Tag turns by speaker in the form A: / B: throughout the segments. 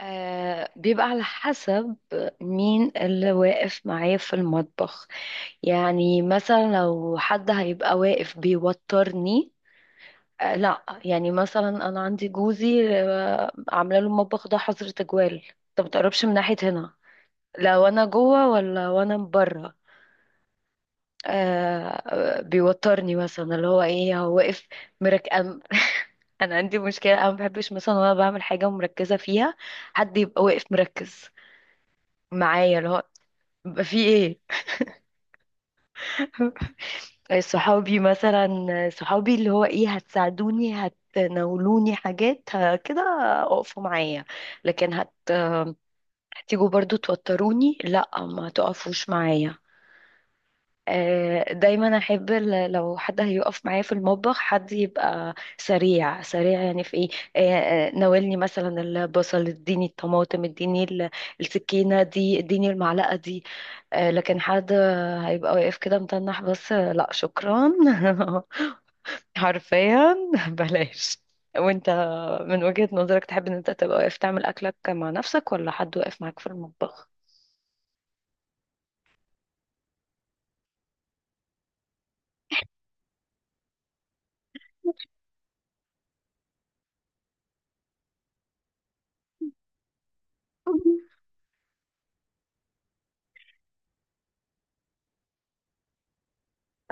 A: آه بيبقى على حسب مين اللي واقف معايا في المطبخ. يعني مثلا لو حد هيبقى واقف بيوترني. آه لا، يعني مثلا انا عندي جوزي، آه عامله له المطبخ ده حظر تجوال. انت متقربش من ناحيه هنا لو انا جوه ولا وانا بره. آه بيوترني مثلا، اللي هو ايه، هو واقف مركب. انا عندي مشكله، انا ما بحبش مثلا وانا بعمل حاجه ومركزه فيها حد يبقى واقف مركز معايا، اللي هو بقى في ايه. صحابي مثلا، صحابي اللي هو ايه، هتساعدوني، هتناولوني حاجات كده، اقفوا معايا. لكن هتيجوا برضو توتروني، لا ما تقفوش معايا. دايما احب لو حد هيقف معايا في المطبخ حد يبقى سريع سريع، يعني في ايه. ناولني مثلا البصل، اديني الطماطم، اديني السكينة دي، اديني المعلقة دي. لكن حد هيبقى واقف كده متنح بس، لا شكرا. حرفيا، بلاش. وانت من وجهة نظرك تحب ان انت تبقى واقف تعمل اكلك مع نفسك، ولا حد واقف معاك في المطبخ؟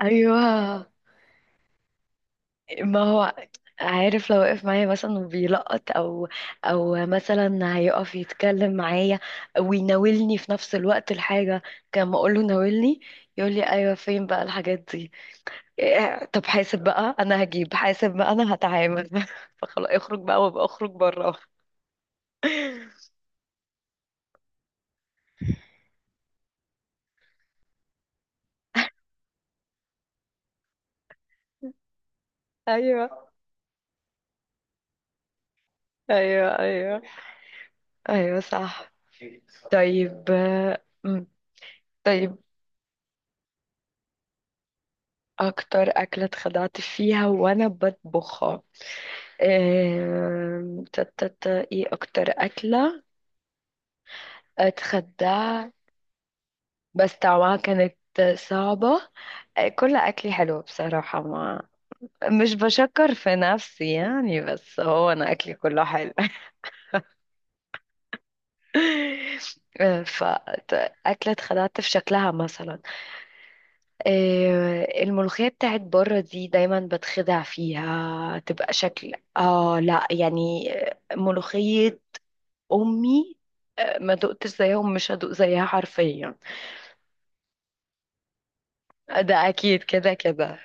A: ايوه، ما هو عارف، لو وقف معايا مثلا وبيلقط او او مثلا هيقف يتكلم معايا ويناولني في نفس الوقت الحاجه، كان ما اقول له ناولني يقول لي ايوه فين بقى الحاجات دي. إيه، طب حاسب بقى، انا هجيب حاسب بقى، انا هتعامل. فخلاص اخرج بقى، وابقى اخرج بره. ايوه، ايوه. ايوه، ايوه صح. طيب طيب، اكتر اكله اتخدعت فيها وانا بطبخها. آم، تا- تا- تا، ايه اكتر اكلة اتخدع. بس طعمها كانت صعبة. آه، كل اكلي حلو بصراحة، ما مش بشكر في نفسي يعني، بس هو انا اكلي كله حلو. آه، ف أكلة اتخدعت في شكلها مثلا، آه، الملوخية بتاعت بره دي دايما بتخدع فيها، تبقى شكل. اه لا يعني، آه، ملوخية امي، آه، ما دقتش زيهم، مش هدوق زيها حرفيا. ده اكيد كده كده.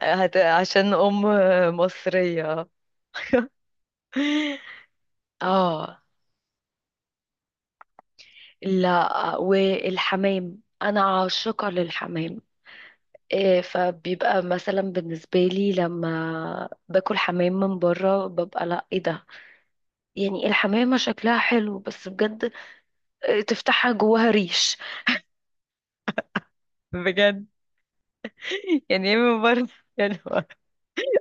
A: عشان ام، آه، مصرية. اه، لا والحمام انا عاشقة للحمام. إيه، فبيبقى مثلا بالنسبة لي لما باكل حمام من بره ببقى لا ايه ده، يعني الحمامة شكلها حلو بس بجد، إيه، تفتحها جواها ريش. بجد. يعني ايه من بره يعني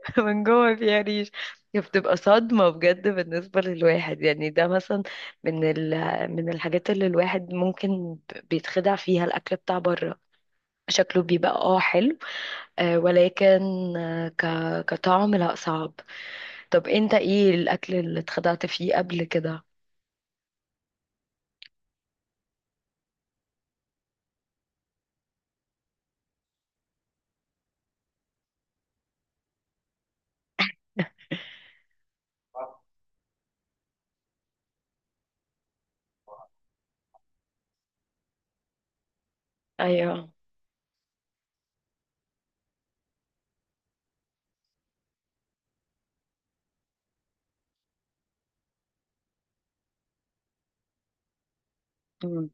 A: من جوه فيها ريش، بتبقى صدمة بجد بالنسبة للواحد. يعني ده مثلا من ال... من الحاجات اللي الواحد ممكن بيتخدع فيها، الأكل بتاع بره شكله بيبقى اه حلو، آه، ولكن آه ك... كطعم لا صعب. طب انت ايه الأكل اللي اتخدعت فيه قبل كده؟ ايوه. مم.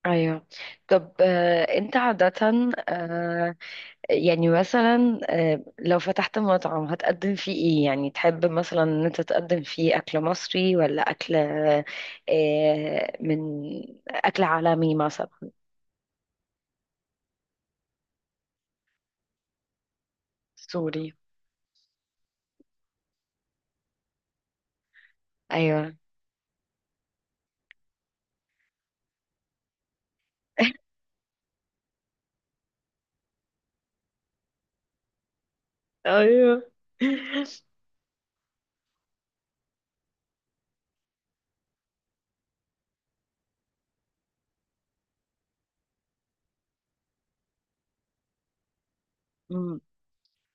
A: ايوه. طب آه انت عادة، آه، يعني مثلا، آه، لو فتحت مطعم هتقدم فيه ايه، يعني تحب مثلا ان انت تقدم فيه اكل مصري ولا اكل، آه، من اكل عالمي مثلا؟ سوري. ايوه. ايوه.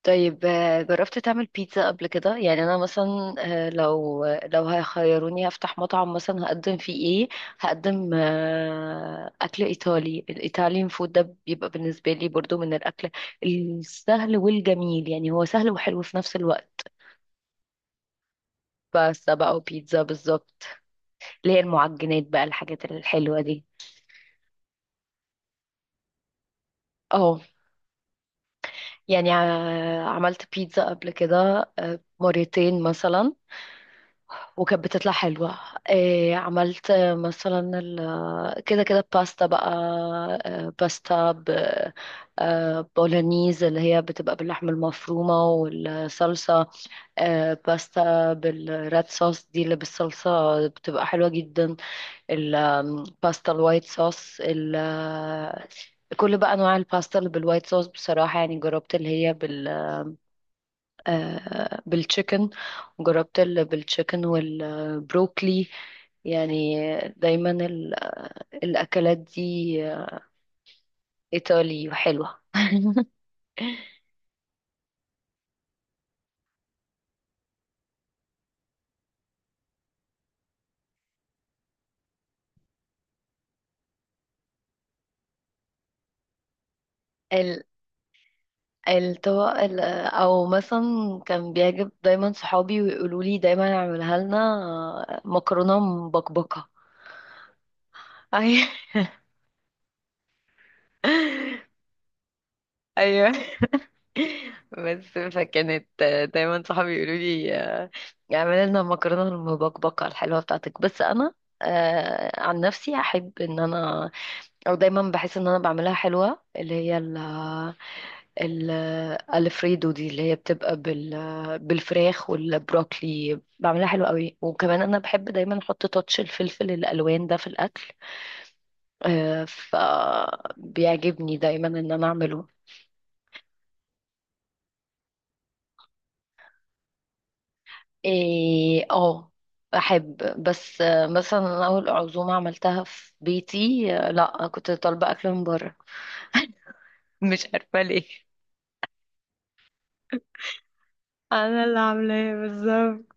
A: طيب آه، جربت تعمل بيتزا قبل كده؟ يعني انا مثلا، آه، لو هيخيروني هفتح مطعم مثلا، هقدم فيه ايه؟ هقدم، آه، اكل ايطالي. الايطاليان فود ده بيبقى بالنسبه لي برضو من الاكل السهل والجميل، يعني هو سهل وحلو في نفس الوقت. بس بقى وبيتزا بالظبط، اللي هي المعجنات بقى، الحاجات الحلوه دي. اه، يعني عملت بيتزا قبل كده، آه، مرتين مثلا، وكانت بتطلع حلوة. إيه، عملت، آه، مثلا كده كده باستا بقى. آه، باستا ب آه، بولونيز، اللي هي بتبقى باللحمة المفرومة والصلصة. آه، باستا بالريد صوص دي، اللي بالصلصة، بتبقى حلوة جدا. الباستا الوايت صوص كل بقى أنواع الباستا اللي بالوايت صوص بصراحة. يعني جربت اللي هي، آه، بالتشيكن، وجربت بالتشيكن والبروكلي. يعني دايما الأكلات دي، آه، إيطالي وحلوة. ال- أو مثلا كان بيعجب دايما صحابي ويقولوا لي دايما اعملها لنا، آه، مكرونة مبكبكة. أيوة. أيوة. بس فكانت، آه، دايما صحابي يقولوا لي، آه، اعملي لنا مكرونه المبكبكه الحلوه بتاعتك. بس انا، آه، عن نفسي احب ان انا، او دايما بحس ان انا بعملها حلوه، اللي هي ال- الفريدو دي، اللي هي بتبقى بالفراخ والبروكلي، بعملها حلوه قوي. وكمان انا بحب دايما احط تاتش الفلفل الالوان ده في الاكل. آه، فبيعجبني دايما ان انا اعمله. إيه، اه، احب. بس آه، مثلا أنا اول عزومه عملتها في بيتي، آه، لا كنت طالبه اكل من بره. مش عارفه ليه، انا اللي عاملاه بالظبط.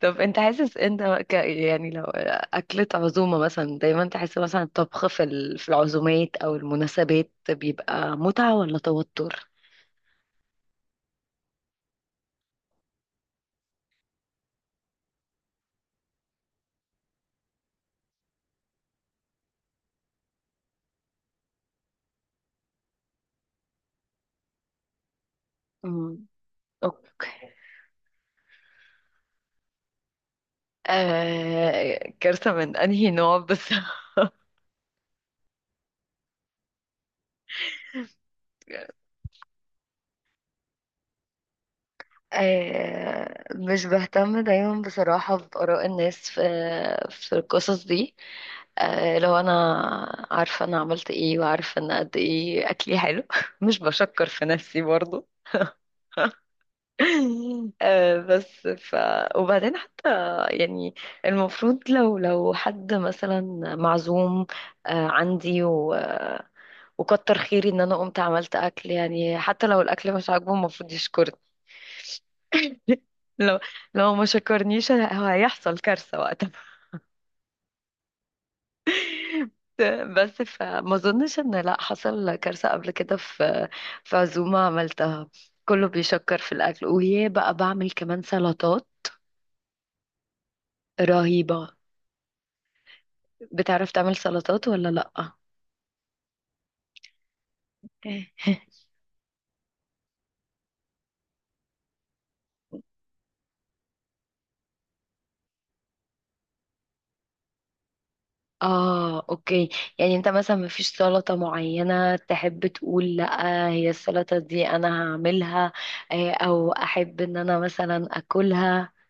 A: طب انت حاسس انت يعني لو اكلة عزومة مثلا، دايما تحس مثلا الطبخ في العزومات او المناسبات بيبقى متعة ولا توتر؟ امم. اوكي. آه، كارثة من انهي نوع بس؟ آه، مش بهتم دايما بصراحة بآراء الناس في في القصص دي. آه، لو أنا عارفة أنا عملت إيه، وعارفة أنا قد إيه أكلي حلو. مش بشكر في نفسي برضو. آه، بس ف وبعدين حتى يعني المفروض لو، لو حد مثلا معزوم، آه، عندي وكتر خيري إن أنا قمت عملت أكل، يعني حتى لو الأكل مش عاجبه المفروض يشكرني. لو لو ما شكرنيش هو هيحصل كارثة وقتها. بس فما اظنش ان لا حصل كارثة قبل كده في في عزومة عملتها، كله بيشكر في الاكل، وهي بقى بعمل كمان سلطات رهيبة. بتعرف تعمل سلطات ولا لا؟ اه، اوكي. يعني انت مثلا مفيش سلطة معينة تحب تقول لا هي السلطة دي انا هعملها، آه، او احب ان انا مثلا اكلها؟